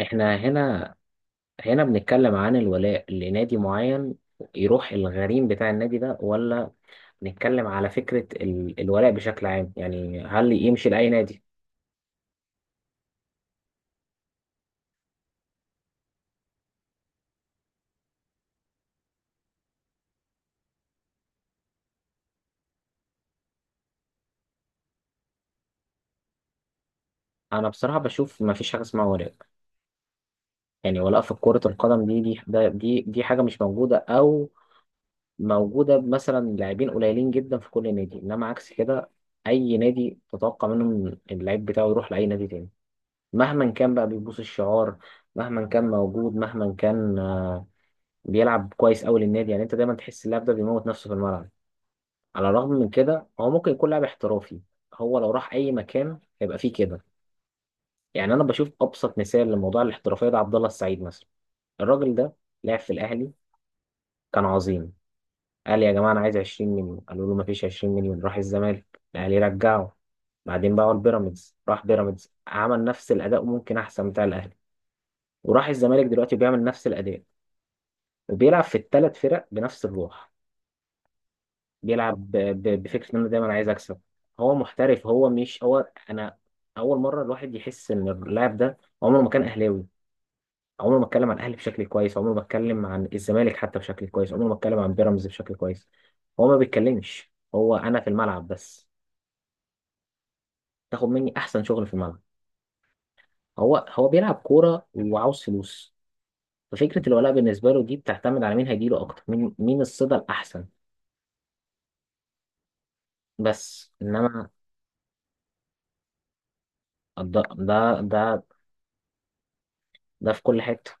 احنا هنا بنتكلم عن الولاء لنادي معين، يروح الغريم بتاع النادي ده، ولا نتكلم على فكرة الولاء بشكل عام؟ يعني هل يمشي لأي نادي؟ انا بصراحة بشوف ما فيش حاجة اسمها ولاء. يعني ولاء في كرة القدم دي دي ده- دي دي حاجة مش موجودة، او موجودة مثلا لاعبين قليلين جدا في كل نادي، انما عكس كده اي نادي تتوقع منه إن اللعيب بتاعه يروح لأي نادي تاني مهما كان بقى بيبوس الشعار، مهما كان موجود، مهما كان بيلعب كويس قوي للنادي. يعني انت دايما تحس اللاعب ده بيموت نفسه في الملعب، على الرغم من كده هو ممكن يكون لاعب احترافي. هو لو راح اي مكان هيبقى فيه كده. يعني انا بشوف ابسط مثال لموضوع الاحترافيه ده عبد الله السعيد مثلا. الراجل ده لعب في الاهلي، كان عظيم، قال يا جماعه انا عايز 20 مليون، قالوا له مفيش 20 مليون، راح الزمالك، الاهلي رجعه، بعدين باعوا البيراميدز، راح بيراميدز، عمل نفس الاداء وممكن احسن بتاع الاهلي، وراح الزمالك دلوقتي بيعمل نفس الاداء، وبيلعب في الثلاث فرق بنفس الروح. بيلعب بفكره ان انا دايما عايز اكسب. هو محترف. هو مش هو انا. اول مره الواحد يحس ان اللاعب ده عمره ما كان اهلاوي، عمره ما اتكلم عن الاهلي بشكل كويس، عمره ما اتكلم عن الزمالك حتى بشكل كويس، عمره ما اتكلم عن بيراميدز بشكل كويس. هو ما بيتكلمش، هو انا في الملعب بس. تاخد مني احسن شغل في الملعب. هو بيلعب كوره وعاوز فلوس. ففكره الولاء بالنسبه له دي بتعتمد على مين هيجيله اكتر، مين الصدى الاحسن. بس انما ده ده في كل حته.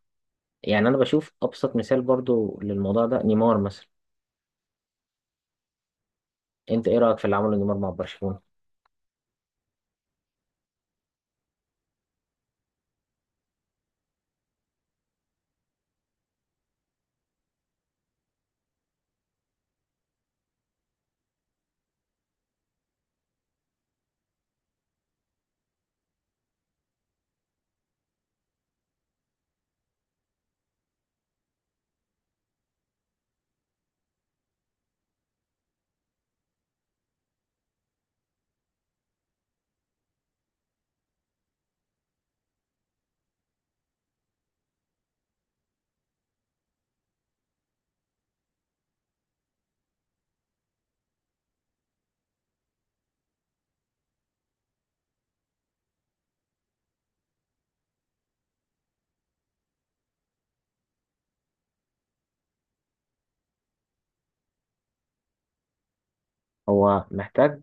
يعني انا بشوف ابسط مثال برضو للموضوع ده نيمار مثلا. انت ايه رايك في اللي عمله نيمار مع برشلونه؟ هو محتاج،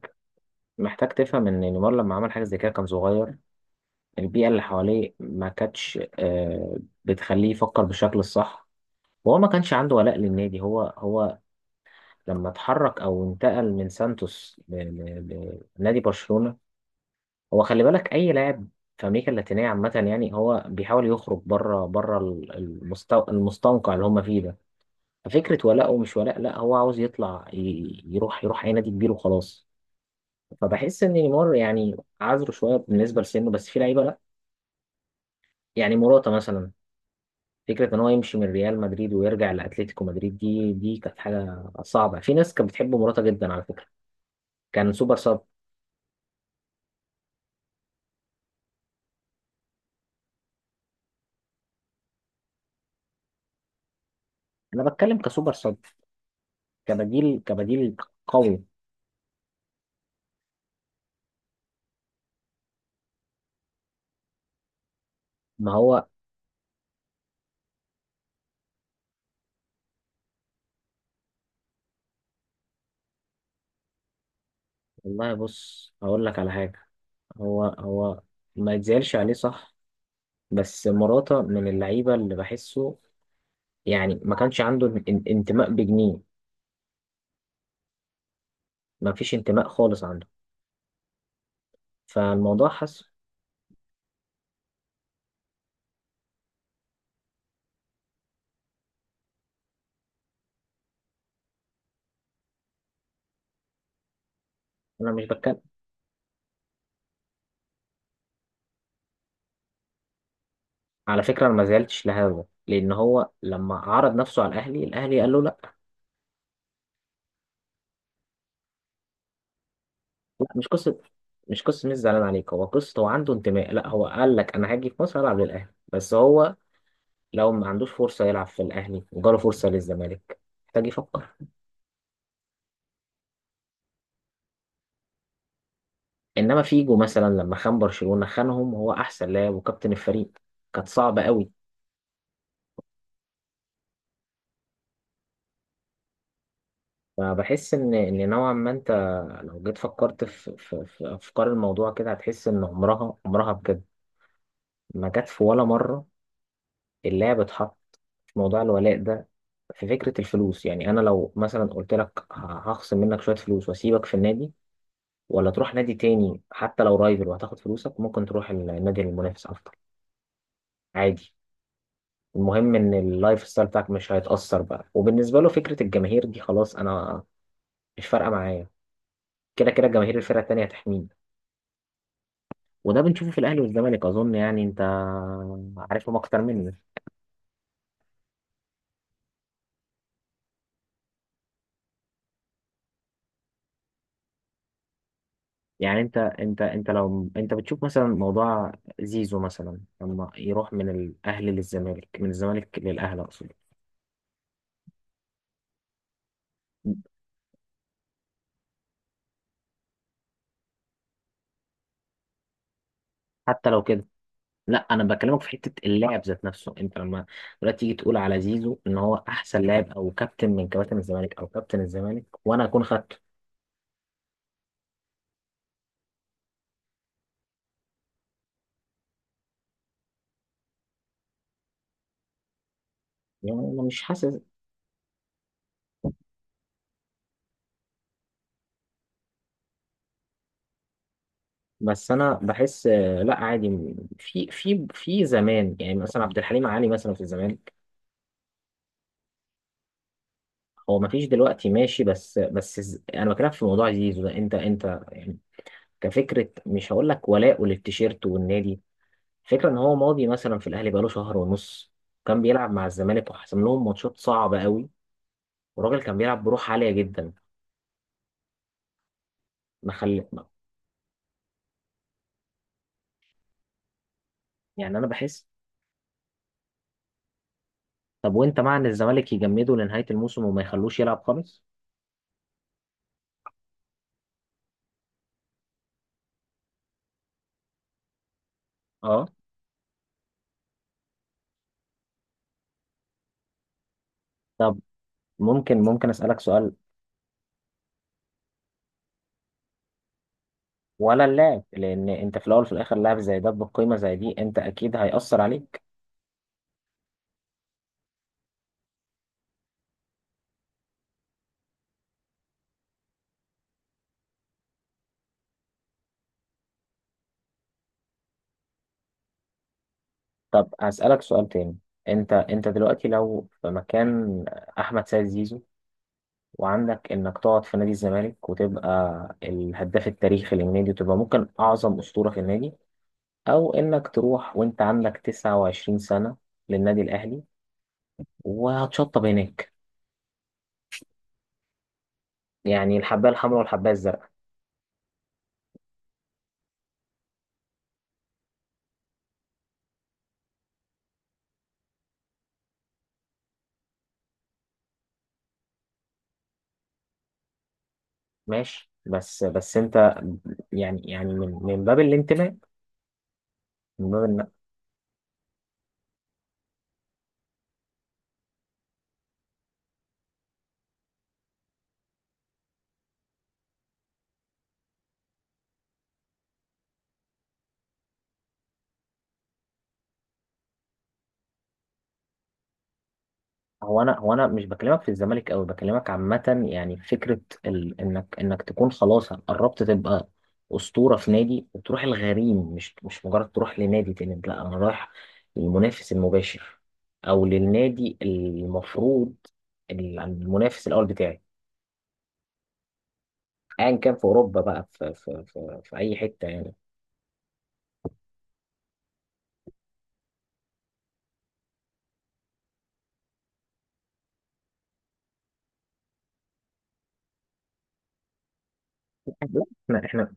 محتاج تفهم ان نيمار لما عمل حاجه زي كده كان صغير. البيئه اللي حواليه ما كانتش بتخليه يفكر بالشكل الصح، وهو ما كانش عنده ولاء للنادي. هو لما اتحرك او انتقل من سانتوس لنادي برشلونه. هو خلي بالك اي لاعب في امريكا اللاتينيه عامه يعني هو بيحاول يخرج بره بره المستنقع اللي هم فيه ده. ففكرة ولاء ومش ولاء لا، هو عاوز يطلع يروح أي نادي كبير وخلاص. فبحس إن نيمار يعني عذره شوية بالنسبة لسنه، بس في لعيبة لا. يعني موراتا مثلا، فكرة إن هو يمشي من ريال مدريد ويرجع لأتلتيكو مدريد دي كانت حاجة صعبة. في ناس كانت بتحب موراتا جدا على فكرة. كان سوبر صاب. أنا بتكلم كسوبر صاب، كبديل قوي. ما هو والله بص هقول لك على حاجة. هو ما يتزعلش عليه صح، بس موراتا من اللعيبة اللي بحسه يعني ما كانش عنده انتماء بجنيه. ما فيش انتماء خالص عنده. فالموضوع حس. انا مش بتكلم على فكره. انا ما زعلتش لهذا لان هو لما عرض نفسه على الاهلي قال له لا. لا مش قصه، مش زعلان عليك. هو قصه هو عنده انتماء؟ لا، هو قال لك انا هاجي في مصر العب للاهلي، بس هو لو ما عندوش فرصه يلعب في الاهلي وجاله فرصه للزمالك محتاج يفكر. انما فيجو مثلا لما خان برشلونه، خانهم هو احسن لاعب وكابتن الفريق، كانت صعبه قوي. فبحس ان ان نوعا ما انت لو جيت فكرت في افكار الموضوع كده هتحس ان عمرها عمرها بجد ما جت في ولا مره اللي هي بتحط موضوع الولاء ده في فكره الفلوس. يعني انا لو مثلا قلت لك هخصم منك شويه فلوس واسيبك في النادي، ولا تروح نادي تاني حتى لو رايفل وهتاخد فلوسك، ممكن تروح النادي المنافس افضل، عادي. المهم ان اللايف ستايل بتاعك مش هيتاثر بقى. وبالنسبه له فكره الجماهير دي خلاص، انا مش فارقه معايا، كده كده جماهير الفرقه التانيه هتحميني. وده بنشوفه في الاهلي والزمالك اظن. يعني انت عارفهم اكتر مني. يعني انت لو انت بتشوف مثلا موضوع زيزو مثلا لما يروح من الاهلي للزمالك، من الزمالك للاهلي اقصد، حتى لو كده لا انا بكلمك في حته اللاعب ذات نفسه. انت لما دلوقتي تيجي تقول على زيزو ان هو احسن لاعب، او كابتن من كباتن الزمالك او كابتن الزمالك، وانا اكون خدته، يعني انا مش حاسس. بس انا بحس لا، عادي. في زمان يعني مثلا عبد الحليم علي مثلا في الزمالك. هو ما فيش دلوقتي ماشي، بس انا بكلمك في موضوع زيزو ده، انت يعني كفكره. مش هقول لك ولاءه للتيشيرت والنادي، فكره ان هو ماضي مثلا في الاهلي بقاله شهر ونص، كان بيلعب مع الزمالك وحسم لهم ماتشات صعبه قوي، والراجل كان بيلعب بروح عاليه جدا. ما خل... ما- يعني انا بحس، طب وانت مع ان الزمالك يجمده لنهايه الموسم وما يخلوش يلعب خالص؟ اه. طب ممكن اسالك سؤال؟ ولا اللاعب، لان انت في الاول وفي الاخر لاعب زي ده بقيمه زي دي، انت اكيد هيأثر عليه. طب هسألك سؤال تاني. انت دلوقتي لو في مكان احمد سيد زيزو، وعندك انك تقعد في نادي الزمالك وتبقى الهداف التاريخي للنادي وتبقى ممكن اعظم اسطورة في النادي، او انك تروح وانت عندك 29 سنة للنادي الاهلي وهتشطب هناك، يعني الحباية الحمراء والحباية الزرقاء. ماشي، بس انت يعني، يعني من من باب الانتماء، من باب. هو انا مش بكلمك في الزمالك قوي، بكلمك عامه يعني. فكره ال... انك انك تكون خلاص قربت تبقى اسطوره في نادي وتروح الغريم، مش مجرد تروح لنادي تاني، لا انا رايح للمنافس المباشر، او للنادي المفروض المنافس الاول بتاعي. ايا كان في اوروبا بقى في اي حته يعني. لا، احنا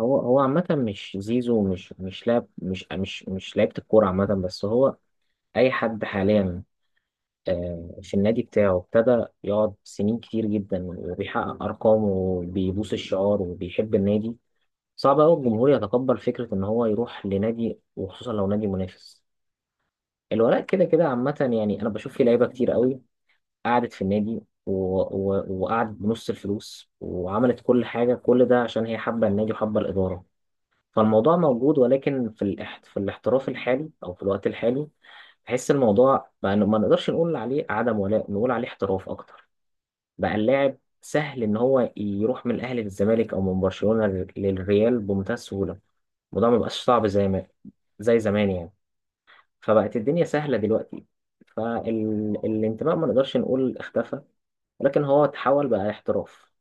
هو عامه، مش زيزو، مش لاعب، مش لعيبه الكوره عامه. بس هو اي حد حاليا في النادي بتاعه ابتدى يقعد سنين كتير جدا وبيحقق أرقام وبيبوس الشعار وبيحب النادي، صعب أوي الجمهور يتقبل فكرة إن هو يروح لنادي وخصوصا لو نادي منافس. الولاء كده كده عامة يعني، أنا بشوف في لعيبة كتير قوي قعدت في النادي و... وقعدت بنص الفلوس وعملت كل حاجة، كل ده عشان هي حابة النادي وحابة الإدارة. فالموضوع موجود، ولكن في في الاحتراف الحالي او في الوقت الحالي بحس الموضوع بقى إنه ما نقدرش نقول عليه عدم ولاء، نقول عليه احتراف اكتر. بقى اللاعب سهل ان هو يروح من الاهلي للزمالك او من برشلونة للريال بمنتهى السهولة. الموضوع ما بقاش صعب زي ما زي زمان يعني. فبقت الدنيا سهلة دلوقتي. فالانتماء ما نقدرش نقول اختفى، ولكن هو تحول بقى احتراف.